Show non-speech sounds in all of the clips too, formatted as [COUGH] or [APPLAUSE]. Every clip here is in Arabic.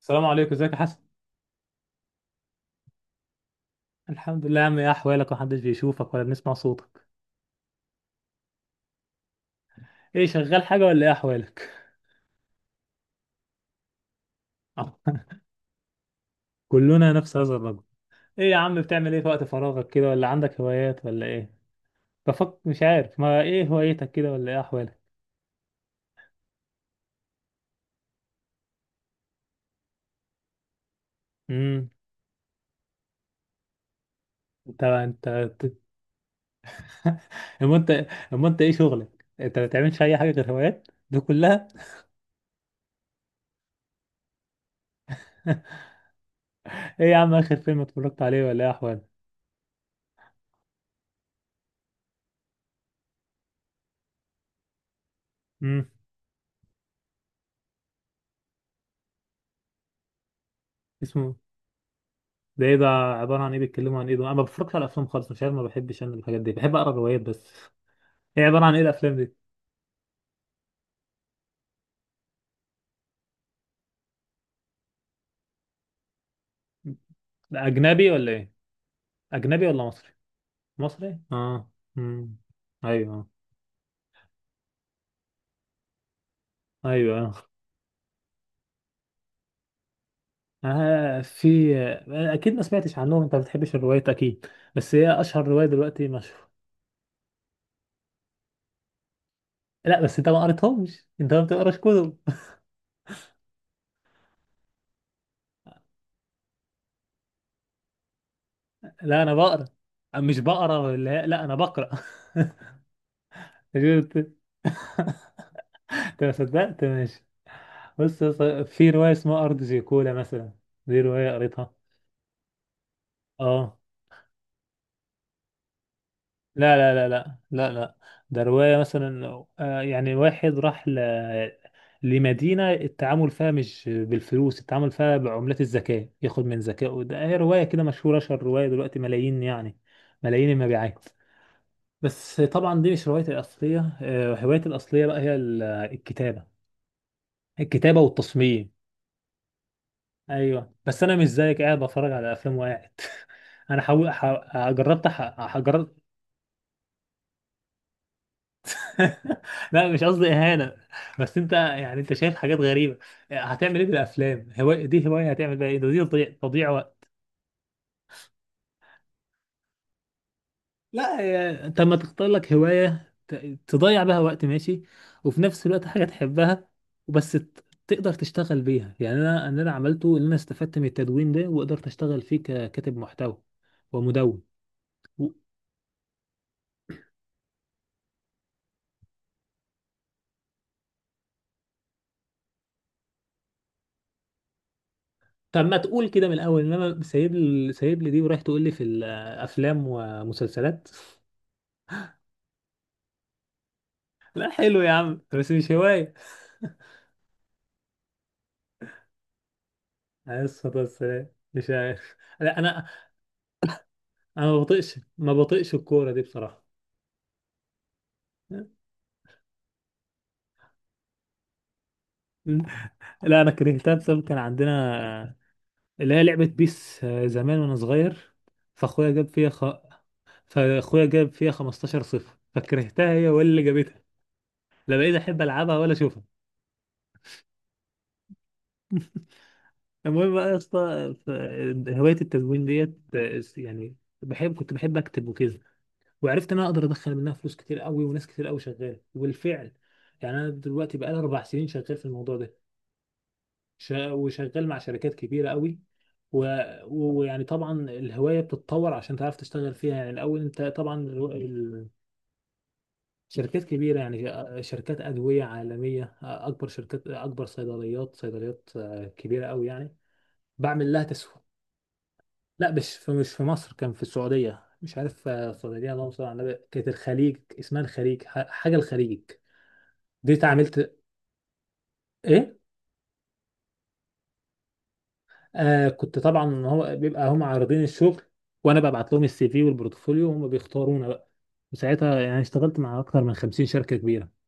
السلام عليكم، ازيك يا حسن؟ الحمد لله يا عم، ايه احوالك؟ محدش بيشوفك ولا بنسمع صوتك. ايه، شغال حاجه ولا ايه احوالك؟ آه. [LAUGHS] كلنا نفس هذا الرجل. ايه يا عم، بتعمل ايه في وقت فراغك كده؟ ولا عندك هوايات ولا ايه؟ بفكر، مش عارف ما ايه هوايتك كده، ولا ايه احوالك؟ امم. انت. [LAUGHS] اما انت اما انت ايه شغلك؟ انت ما بتعملش اي حاجه غير هوايات دي كلها؟ [LAUGHS] ايه يا عم، اخر فيلم اتفرجت عليه؟ ولا ايه احوالك؟ امم. اسمه؟ ده ايه؟ ده عبارة عن ايه؟ بيتكلموا عن ايه؟ ده انا ما بفرجش على افلام خالص، مش عارف، ما بحبش انا الحاجات دي، بحب اقرا روايات بس. [LAUGHS] ايه عبارة عن ايه الافلام دي؟ ده اجنبي ولا ايه؟ اجنبي ولا مصري؟ مصري، اه. امم. ايوه، ايوه. اه، في، اكيد ما سمعتش عنهم، انت ما بتحبش الروايات اكيد، بس هي اشهر رواية دلوقتي، مشهورة. لا بس انت ما قريتهمش، انت ما بتقراش كتب. [LAUGHS] لا انا بقرا. مش بقرا اللي هي- لا انا بقرا. [LAUGHS] شفت. [LAUGHS] انت ما صدقت ماشي. بص يا اسطى، في رواية اسمها أرض زيكولا مثلا، دي رواية قريتها. اه. لا لا لا لا لا لا، ده رواية مثلا، يعني واحد راح ل... لمدينة التعامل فيها مش بالفلوس، التعامل فيها بعملات الذكاء، ياخد من ذكائه. ده هي رواية كده مشهورة، أشهر رواية دلوقتي، ملايين يعني، ملايين المبيعات. بس طبعا دي مش روايتي الأصلية، هوايتي الأصلية بقى هي الكتابة، الكتابة والتصميم. ايوه بس انا مش زيك قاعد بتفرج على افلام وقاعد. [LAUGHS] انا حاول ح- جربت ح- ح- جربت. [LAUGHS] لا مش قصدي اهانه، بس انت يعني انت شايف حاجات غريبه. هتعمل ايه بالافلام؟ هوايه دي؟ هوايه هتعمل بيها ايه؟ ده دي تضييع، تضييع وقت. لا يا- انت لما تختار لك هوايه تضيع بها وقت ماشي، وفي نفس الوقت حاجه تحبها، وبس تقدر تشتغل بيها. يعني انا اللي انا عملته ان انا استفدت من التدوين ده وقدرت اشتغل فيه ككاتب محتوى ومدون. طب ما تقول كده من الاول، انما سايب لي سايب لي دي ورايح تقول لي في الافلام ومسلسلات. [LAUGHS] لا حلو يا عم بس مش هوايه. عليه الصلاه والسلام، مش عارف. [LAUGHS] لا انا، انا ما بطيقش، ما بطيقش الكوره دي بصراحه. [LAUGHS] مم. لا انا كرهتها، بسبب كان عندنا اللي هي لعبه بيس، زمان وانا صغير، فاخويا جاب فيها خ... فاخويا جاب فيها 15 صفر، فكرهتها هي ولا اللي جابتها، لا بقيت احب العبها ولا اشوفها. المهم بقى يا اسطى، هوايه التدوين ديت، يعني بحب، كنت بحب اكتب وكده، وعرفت ان انا اقدر ادخل منها فلوس كتير قوي، وناس كتير قوي شغاله، وبالفعل يعني انا دلوقتي بقى لي 4 سنين شغال في الموضوع ده، وشغال مع شركات كبيره قوي، و- ويعني طبعا الهوايه بتتطور عشان تعرف تشتغل فيها. يعني الاول انت طبعا شركات كبيره يعني، شركات ادويه عالميه، اكبر شركات، اكبر صيدليات، صيدليات كبيره قوي يعني، بعمل لها تسويق. لا مش في مصر، كان في السعودية، مش عارف، السعودية اللهم صل على النبي، كانت الخليج، اسمها الخليج حاجة الخليج. دي اتعاملت. ايه؟ كنت طبعا، هو بيبقى هم عارضين الشغل وانا ببعت لهم السي في والبورتفوليو، وهم بيختارونا بقى، وساعتها يعني اشتغلت مع اكتر من 50 شركة كبيرة.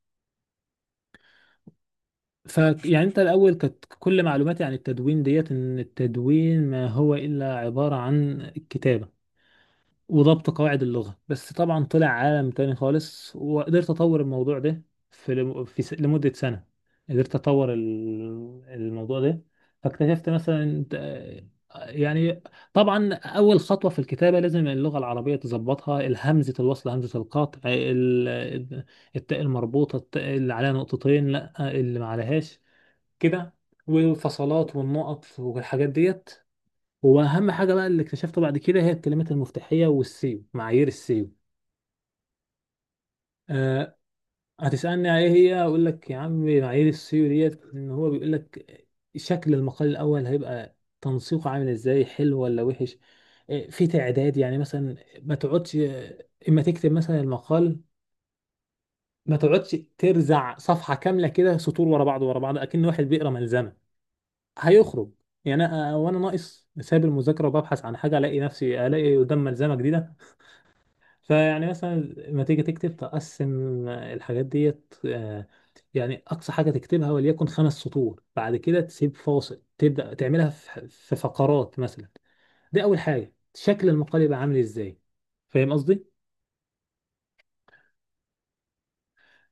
فيعني انت الاول كانت كل معلوماتي عن التدوين ديت ان التدوين ما هو الا عبارة عن كتابة وضبط قواعد اللغة، بس طبعا طلع عالم تاني خالص، وقدرت أطور الموضوع ده في، في لمدة سنة قدرت أطور الموضوع ده. فاكتشفت مثلا يعني طبعا أول خطوة في الكتابة لازم اللغة العربية تظبطها، الهمزة الوصل، همزة القطع، التاء المربوطة، التاء اللي عليها نقطتين لا اللي ما عليهاش كده، والفصلات والنقط والحاجات ديت. هو اهم حاجه بقى اللي اكتشفته بعد كده هي الكلمات المفتاحيه والسيو، معايير السيو. أه. هتسالني على ايه هي؟ اقول لك يا عم، معايير السيو ديت ان هو بيقول لك شكل المقال الاول هيبقى تنسيقه عامل ازاي، حلو ولا وحش. في تعداد يعني، مثلا ما تقعدش، اما تكتب مثلا المقال ما تقعدش ترزع صفحه كامله كده، سطور ورا بعض ورا بعض، اكن واحد بيقرا ملزمه، هيخرج. يعني وانا ناقص سايب المذاكره وببحث عن حاجه الاقي نفسي الاقي قدام ملزمه جديده. فيعني مثلا لما تيجي تكتب تقسم الحاجات ديت، يعني أقصى حاجة تكتبها وليكن خمس سطور، بعد كده تسيب فاصل، تبدأ تعملها في فقرات مثلا. دي أول حاجة، شكل المقال يبقى عامل إزاي. فاهم قصدي؟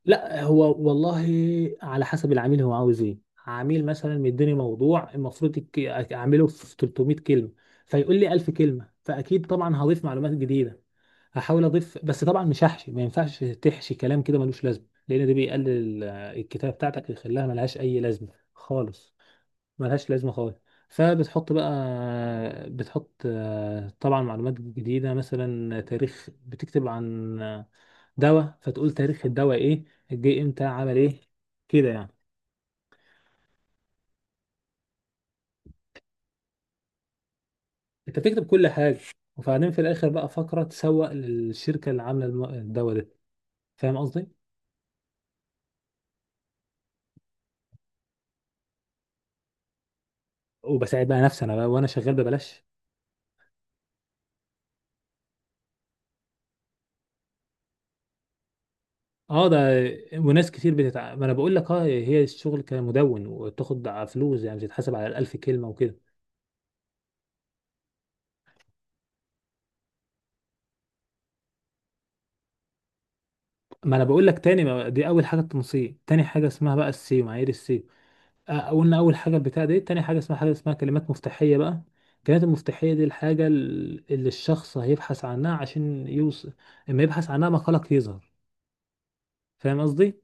لا هو والله على حسب العميل هو عاوز إيه. عميل مثلا مديني موضوع المفروض أعمله في 300 كلمة، فيقول لي 1000 كلمة، فأكيد طبعا هضيف معلومات جديدة، هحاول اضيف، بس طبعا مش هحشي، ما ينفعش تحشي كلام كده ملوش لازمه، لان ده بيقلل الكتابه بتاعتك ويخليها ملهاش اي لازمه خالص، ملهاش لازمه خالص. فبتحط بقى، بتحط طبعا معلومات جديده، مثلا تاريخ، بتكتب عن دواء فتقول تاريخ الدواء ايه، جه امتى، عمل ايه، كده يعني. انت بتكتب كل حاجه، وبعدين في الاخر بقى فقره تسوق للشركه اللي عامله الدواء ده. فاهم قصدي؟ وبساعد بقى نفسي انا بقى وانا شغال ببلاش. اه ده، ما انا بقول لك، اه هي الشغل كمدون، وتاخد فلوس، يعني بتتحسب على الألف كلمة وكده. ما انا بقول لك تاني، ما دي اول حاجة التنسيق، تاني حاجة اسمها بقى السيو، معايير السيو. قلنا اول حاجة البتاع دي، تاني حاجة اسمها كلمات مفتاحية بقى. الكلمات المفتاحية دي الحاجة اللي الشخص هيبحث عنها عشان يوصل، اما يبحث عنها مقالك يظهر. فاهم قصدي؟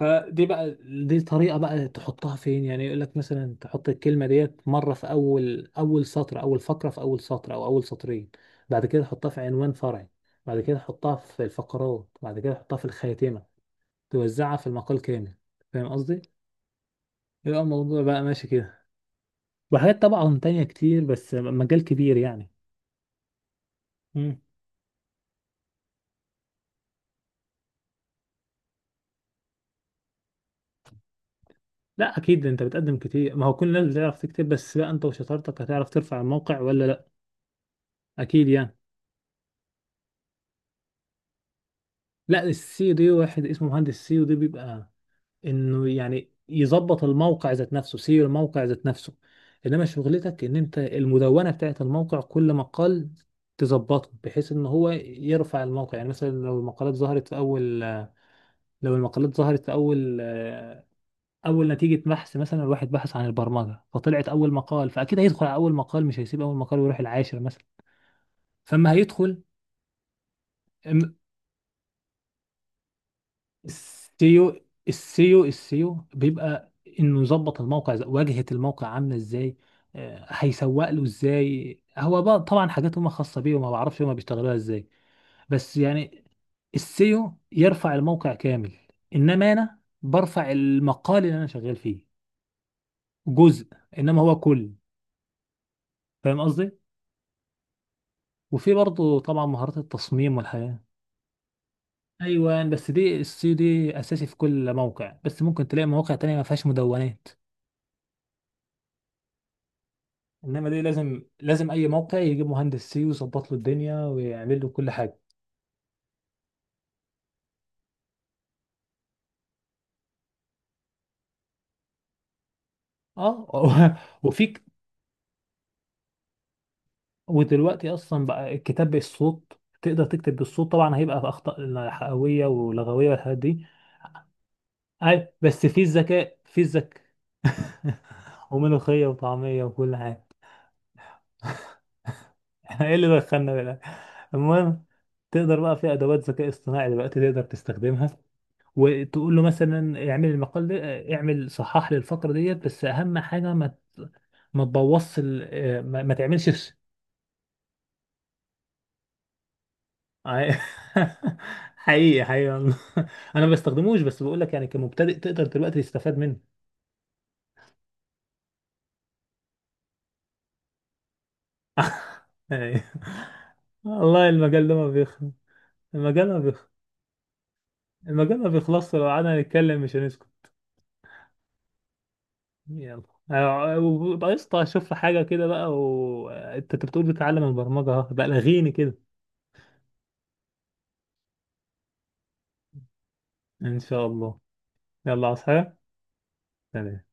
فدي بقى، دي طريقة بقى تحطها فين. يعني يقول لك مثلا تحط الكلمة ديت مرة في أول، أول سطر، أول فقرة، في أول سطر أو أول سطرين، بعد كده تحطها في عنوان فرعي، بعد كده تحطها في الفقرات، بعد كده تحطها في الخاتمة، توزعها في المقال كامل. فاهم قصدي؟ يبقى الموضوع بقى ماشي كده، وحاجات طبعا تانية كتير، بس مجال كبير يعني. مم. لا أكيد أنت بتقدم كتير. ما هو كل الناس بتعرف تكتب، بس بقى أنت وشطارتك هتعرف ترفع الموقع ولا لا. أكيد يعني. لا السي دي واحد اسمه مهندس سي ودي، بيبقى انه يعني يظبط الموقع ذات نفسه، سيو الموقع ذات نفسه، انما شغلتك ان انت المدونه بتاعت الموقع، كل مقال تظبطه بحيث ان هو يرفع الموقع. يعني مثلا لو المقالات ظهرت في اول اول نتيجه بحث، مثلا الواحد بحث عن البرمجه فطلعت اول مقال، فاكيد هيدخل على اول مقال، مش هيسيب اول مقال ويروح العاشر مثلا، فما هيدخل. السيو السيو بيبقى انه يظبط الموقع إزاي، واجهة الموقع عاملة ازاي، هيسوق له ازاي، هو بقى طبعا حاجات هما خاصة بيه وما بعرفش هما بيشتغلوها ازاي. بس يعني السيو يرفع الموقع كامل، انما انا برفع المقال اللي انا شغال فيه، جزء، انما هو كل. فاهم قصدي؟ وفي برضه طبعا مهارات التصميم والحياة. ايوه بس دي السيو، دي اساسي في كل موقع، بس ممكن تلاقي مواقع تانية ما فيهاش مدونات، انما دي لازم لازم اي موقع يجيب مهندس سي ويظبط له الدنيا ويعمل له كل حاجه. اه. [LAUGHS] وفي ك- ودلوقتي اصلا بقى الكتاب بالصوت، تقدر تكتب بالصوت، طبعا هيبقى في اخطاء حقويه ولغويه والحاجات دي. اي بس في الذكاء، في الذكاء. [LAUGHS] وملوخيه وطعميه وكل حاجه. [LAUGHS] احنا ايه اللي دخلنا بقى؟ المهم، تقدر بقى في ادوات ذكاء اصطناعي دلوقتي تقدر تستخدمها، وتقول له مثلا اعمل المقال ده، اعمل، صحح لي الفقره ديت، بس اهم حاجه ما تبوظش ال... آه، ما... ما تعملش فش. عي- [LAUGHS] حقيقي حقيقي والله. [LAUGHS] انا ما بستخدموش، بس بقول لك يعني كمبتدئ تقدر دلوقتي تستفاد منه، يعني. [LAUGHS] والله المجال ده ما بيخلص، المجال ما بيخلص، المجال ما بيخلصش. لو قعدنا نتكلم مش هنسكت. يلا. وبقى قشطة، اشوف حاجة كده بقى وانت بتقول بتتعلم البرمجة أهو. بقى لغيني كده. ان شاء الله. يلا عاوز حاجة. سلام.